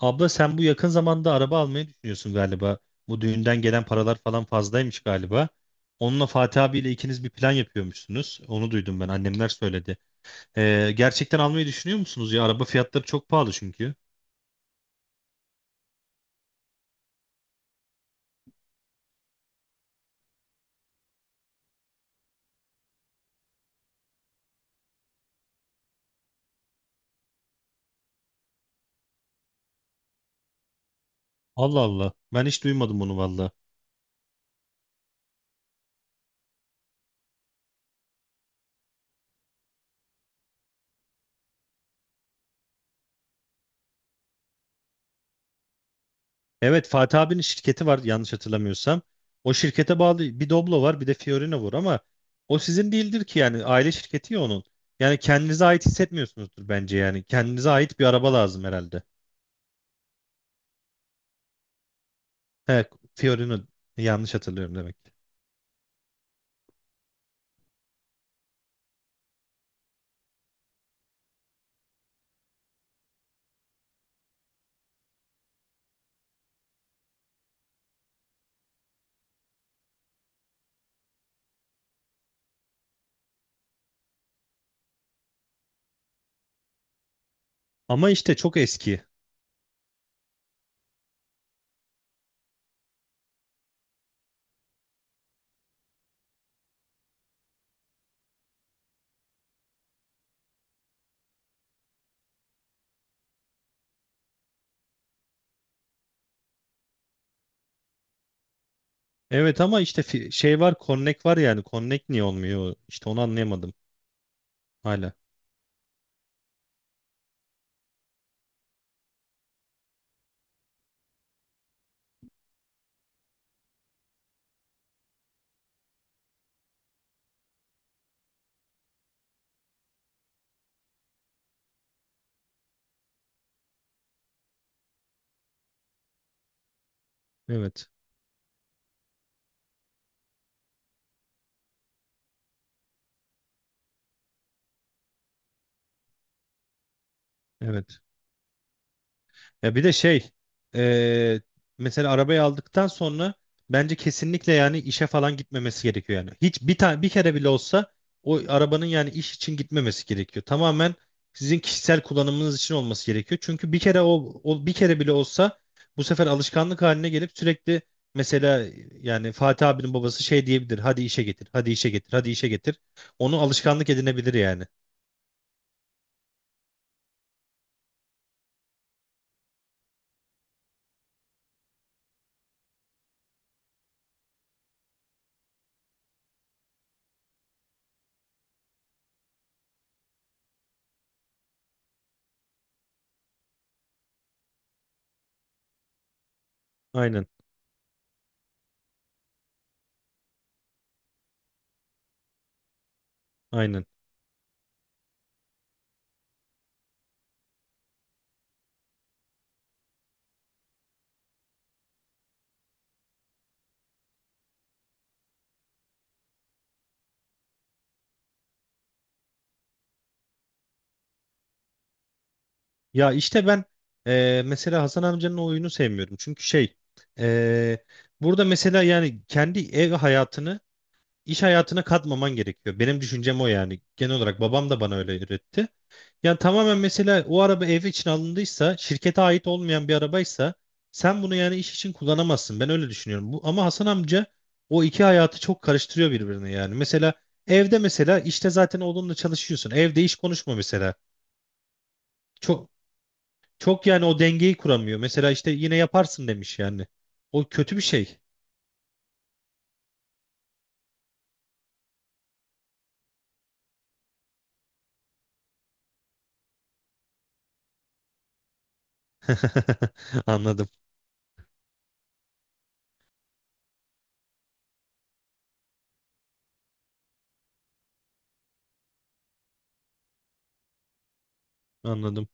Abla sen bu yakın zamanda araba almayı düşünüyorsun galiba. Bu düğünden gelen paralar falan fazlaymış galiba. Onunla Fatih abiyle ikiniz bir plan yapıyormuşsunuz. Onu duydum ben. Annemler söyledi. Gerçekten almayı düşünüyor musunuz ya? Araba fiyatları çok pahalı çünkü. Allah Allah. Ben hiç duymadım onu valla. Evet, Fatih abinin şirketi var yanlış hatırlamıyorsam. O şirkete bağlı bir Doblo var bir de Fiorino var ama o sizin değildir ki yani aile şirketi ya onun. Yani kendinize ait hissetmiyorsunuzdur bence yani. Kendinize ait bir araba lazım herhalde. Evet, Fiorino yanlış hatırlıyorum demek ki. Ama işte çok eski. Evet ama işte şey var, Connect var yani. Connect niye olmuyor? İşte onu anlayamadım hala. Evet. Evet. Ya bir de şey, eee, mesela arabayı aldıktan sonra bence kesinlikle yani işe falan gitmemesi gerekiyor yani. Hiç bir tane bir kere bile olsa o arabanın yani iş için gitmemesi gerekiyor. Tamamen sizin kişisel kullanımınız için olması gerekiyor. Çünkü bir kere o bir kere bile olsa bu sefer alışkanlık haline gelip sürekli, mesela yani Fatih abinin babası şey diyebilir. Hadi işe getir, hadi işe getir, hadi işe getir. Onu alışkanlık edinebilir yani. Aynen, aynen. Ya işte ben, mesela Hasan amcanın o oyunu sevmiyorum. Çünkü şey, eee, burada mesela yani kendi ev hayatını iş hayatına katmaman gerekiyor. Benim düşüncem o yani. Genel olarak babam da bana öyle öğretti. Yani tamamen mesela o araba ev için alındıysa, şirkete ait olmayan bir arabaysa sen bunu yani iş için kullanamazsın. Ben öyle düşünüyorum. Bu, ama Hasan amca o iki hayatı çok karıştırıyor birbirine yani. Mesela evde mesela işte zaten oğlunla çalışıyorsun. Evde iş konuşma mesela. Çok çok yani o dengeyi kuramıyor. Mesela işte yine yaparsın demiş yani. O kötü bir şey. Anladım, anladım.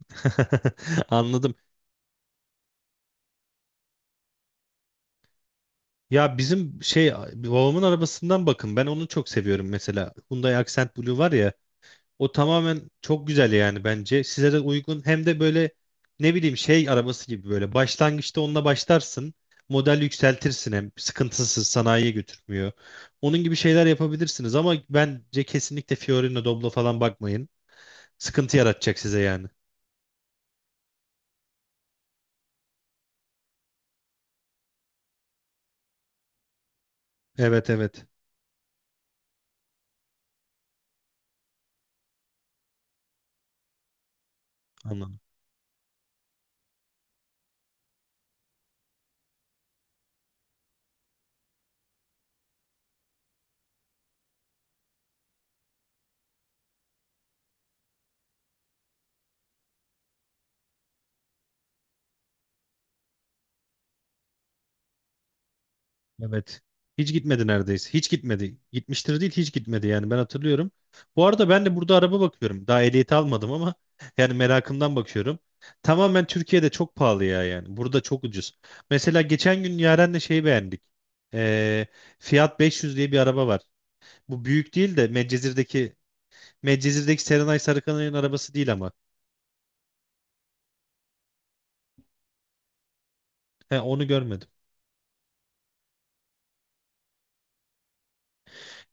Anladım. Ya bizim şey babamın arabasından bakın. Ben onu çok seviyorum mesela. Hyundai Accent Blue var ya. O tamamen çok güzel yani bence. Size de uygun. Hem de böyle, ne bileyim, şey arabası gibi böyle. Başlangıçta onunla başlarsın. Model yükseltirsin, hem sıkıntısız, sanayiye götürmüyor. Onun gibi şeyler yapabilirsiniz ama bence kesinlikle Fiorino, Doblo falan bakmayın. Sıkıntı yaratacak size yani. Evet, evet. Anladım. Evet. Hiç gitmedi neredeyse. Hiç gitmedi. Gitmiştir değil, hiç gitmedi yani, ben hatırlıyorum. Bu arada ben de burada araba bakıyorum. Daha ehliyeti almadım ama yani merakımdan bakıyorum. Tamamen Türkiye'de çok pahalı ya yani. Burada çok ucuz. Mesela geçen gün Yaren'le şeyi beğendik. Ee, Fiat 500 diye bir araba var. Bu büyük değil de Medcezir'deki Serenay Sarıkanay'ın arabası değil ama. He, onu görmedim.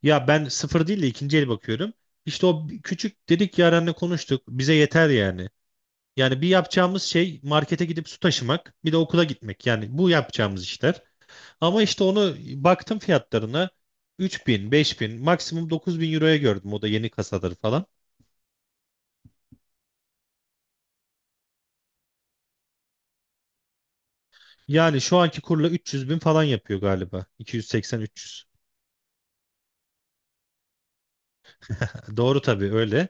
Ya ben sıfır değil de ikinci el bakıyorum. İşte o küçük dedik, Yaren'le konuştuk. Bize yeter yani. Yani bir yapacağımız şey markete gidip su taşımak, bir de okula gitmek. Yani bu yapacağımız işler. Ama işte onu baktım fiyatlarına, 3.000, bin, maksimum 9.000 euroya gördüm. O da yeni kasaları falan. Yani şu anki kurla 300 bin falan yapıyor galiba. 280-300. Doğru tabii, öyle.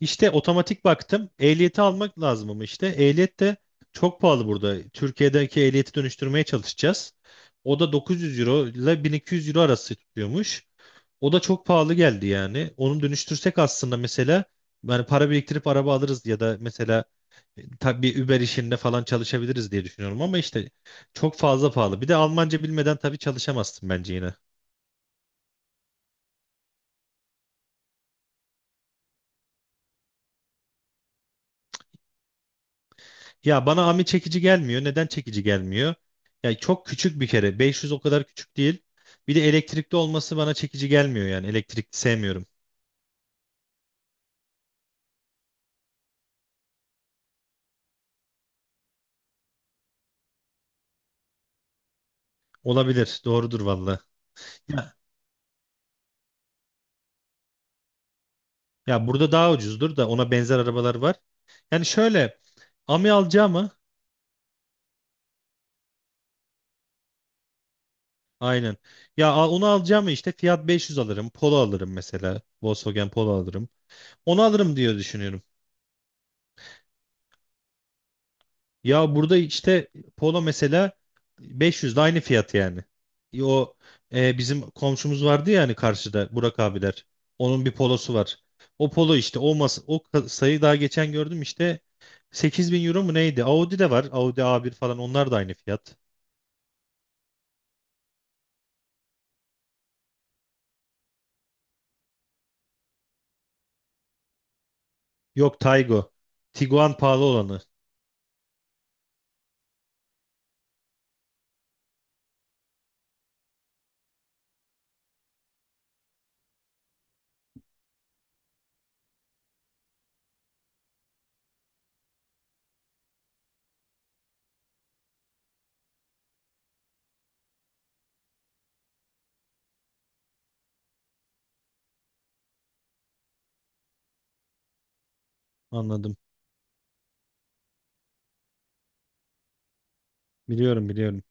İşte otomatik baktım. Ehliyeti almak lazım ama işte ehliyet de çok pahalı burada. Türkiye'deki ehliyeti dönüştürmeye çalışacağız. O da 900 euro ile 1200 euro arası tutuyormuş. O da çok pahalı geldi yani. Onu dönüştürsek aslında mesela, yani para biriktirip araba alırız ya da mesela, tabii Uber işinde falan çalışabiliriz diye düşünüyorum ama işte çok fazla pahalı. Bir de Almanca bilmeden tabii çalışamazsın bence yine. Ya bana Ami çekici gelmiyor. Neden çekici gelmiyor? Ya çok küçük bir kere. 500 o kadar küçük değil. Bir de elektrikli olması bana çekici gelmiyor yani. Elektrikli sevmiyorum. Olabilir. Doğrudur valla. Ya, ya burada daha ucuzdur da ona benzer arabalar var. Yani şöyle, Ami alacağım mı? Aynen. Ya onu alacağım işte. Fiat 500 alırım. Polo alırım mesela. Volkswagen Polo alırım. Onu alırım diye düşünüyorum. Ya burada işte Polo mesela, 500 de aynı fiyat yani. E O Bizim komşumuz vardı ya hani, karşıda Burak abiler. Onun bir polosu var. O polo işte, o mas o ka- sayı daha geçen gördüm işte, 8000 euro mu neydi? Audi de var. Audi a bir falan, onlar da aynı fiyat. Yok, Taygo. Tiguan pahalı olanı. Anladım. Biliyorum, biliyorum.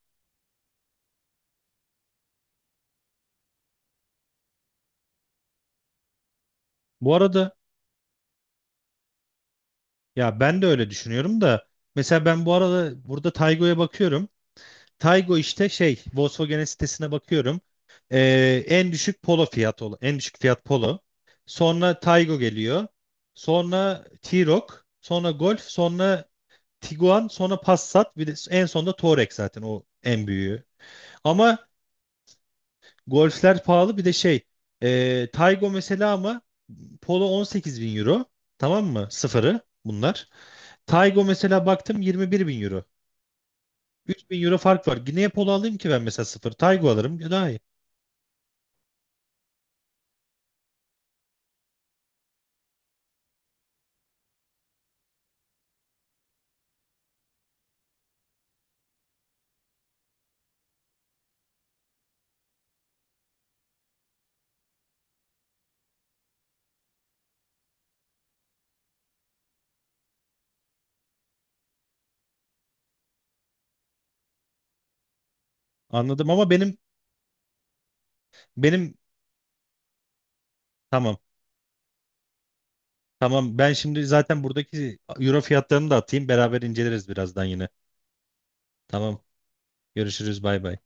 Bu arada, ya ben de öyle düşünüyorum da, mesela ben bu arada burada Taygo'ya bakıyorum. Taygo işte, şey, Volkswagen sitesine bakıyorum. En düşük Polo en düşük fiyat Polo. Sonra Taygo geliyor. Sonra T-Roc, sonra Golf, sonra Tiguan, sonra Passat, bir de en sonunda Touareg, zaten o en büyüğü. Ama Golf'ler pahalı. Bir de şey, Taygo mesela, ama Polo 18 bin euro, tamam mı? Sıfırı bunlar. Taygo mesela baktım 21 bin euro. 3 bin euro fark var. Niye Polo alayım ki ben mesela sıfır? Taygo alırım daha iyi. Anladım ama benim, tamam. Tamam, ben şimdi zaten buradaki euro fiyatlarını da atayım. Beraber inceleriz birazdan yine. Tamam. Görüşürüz, bay bay.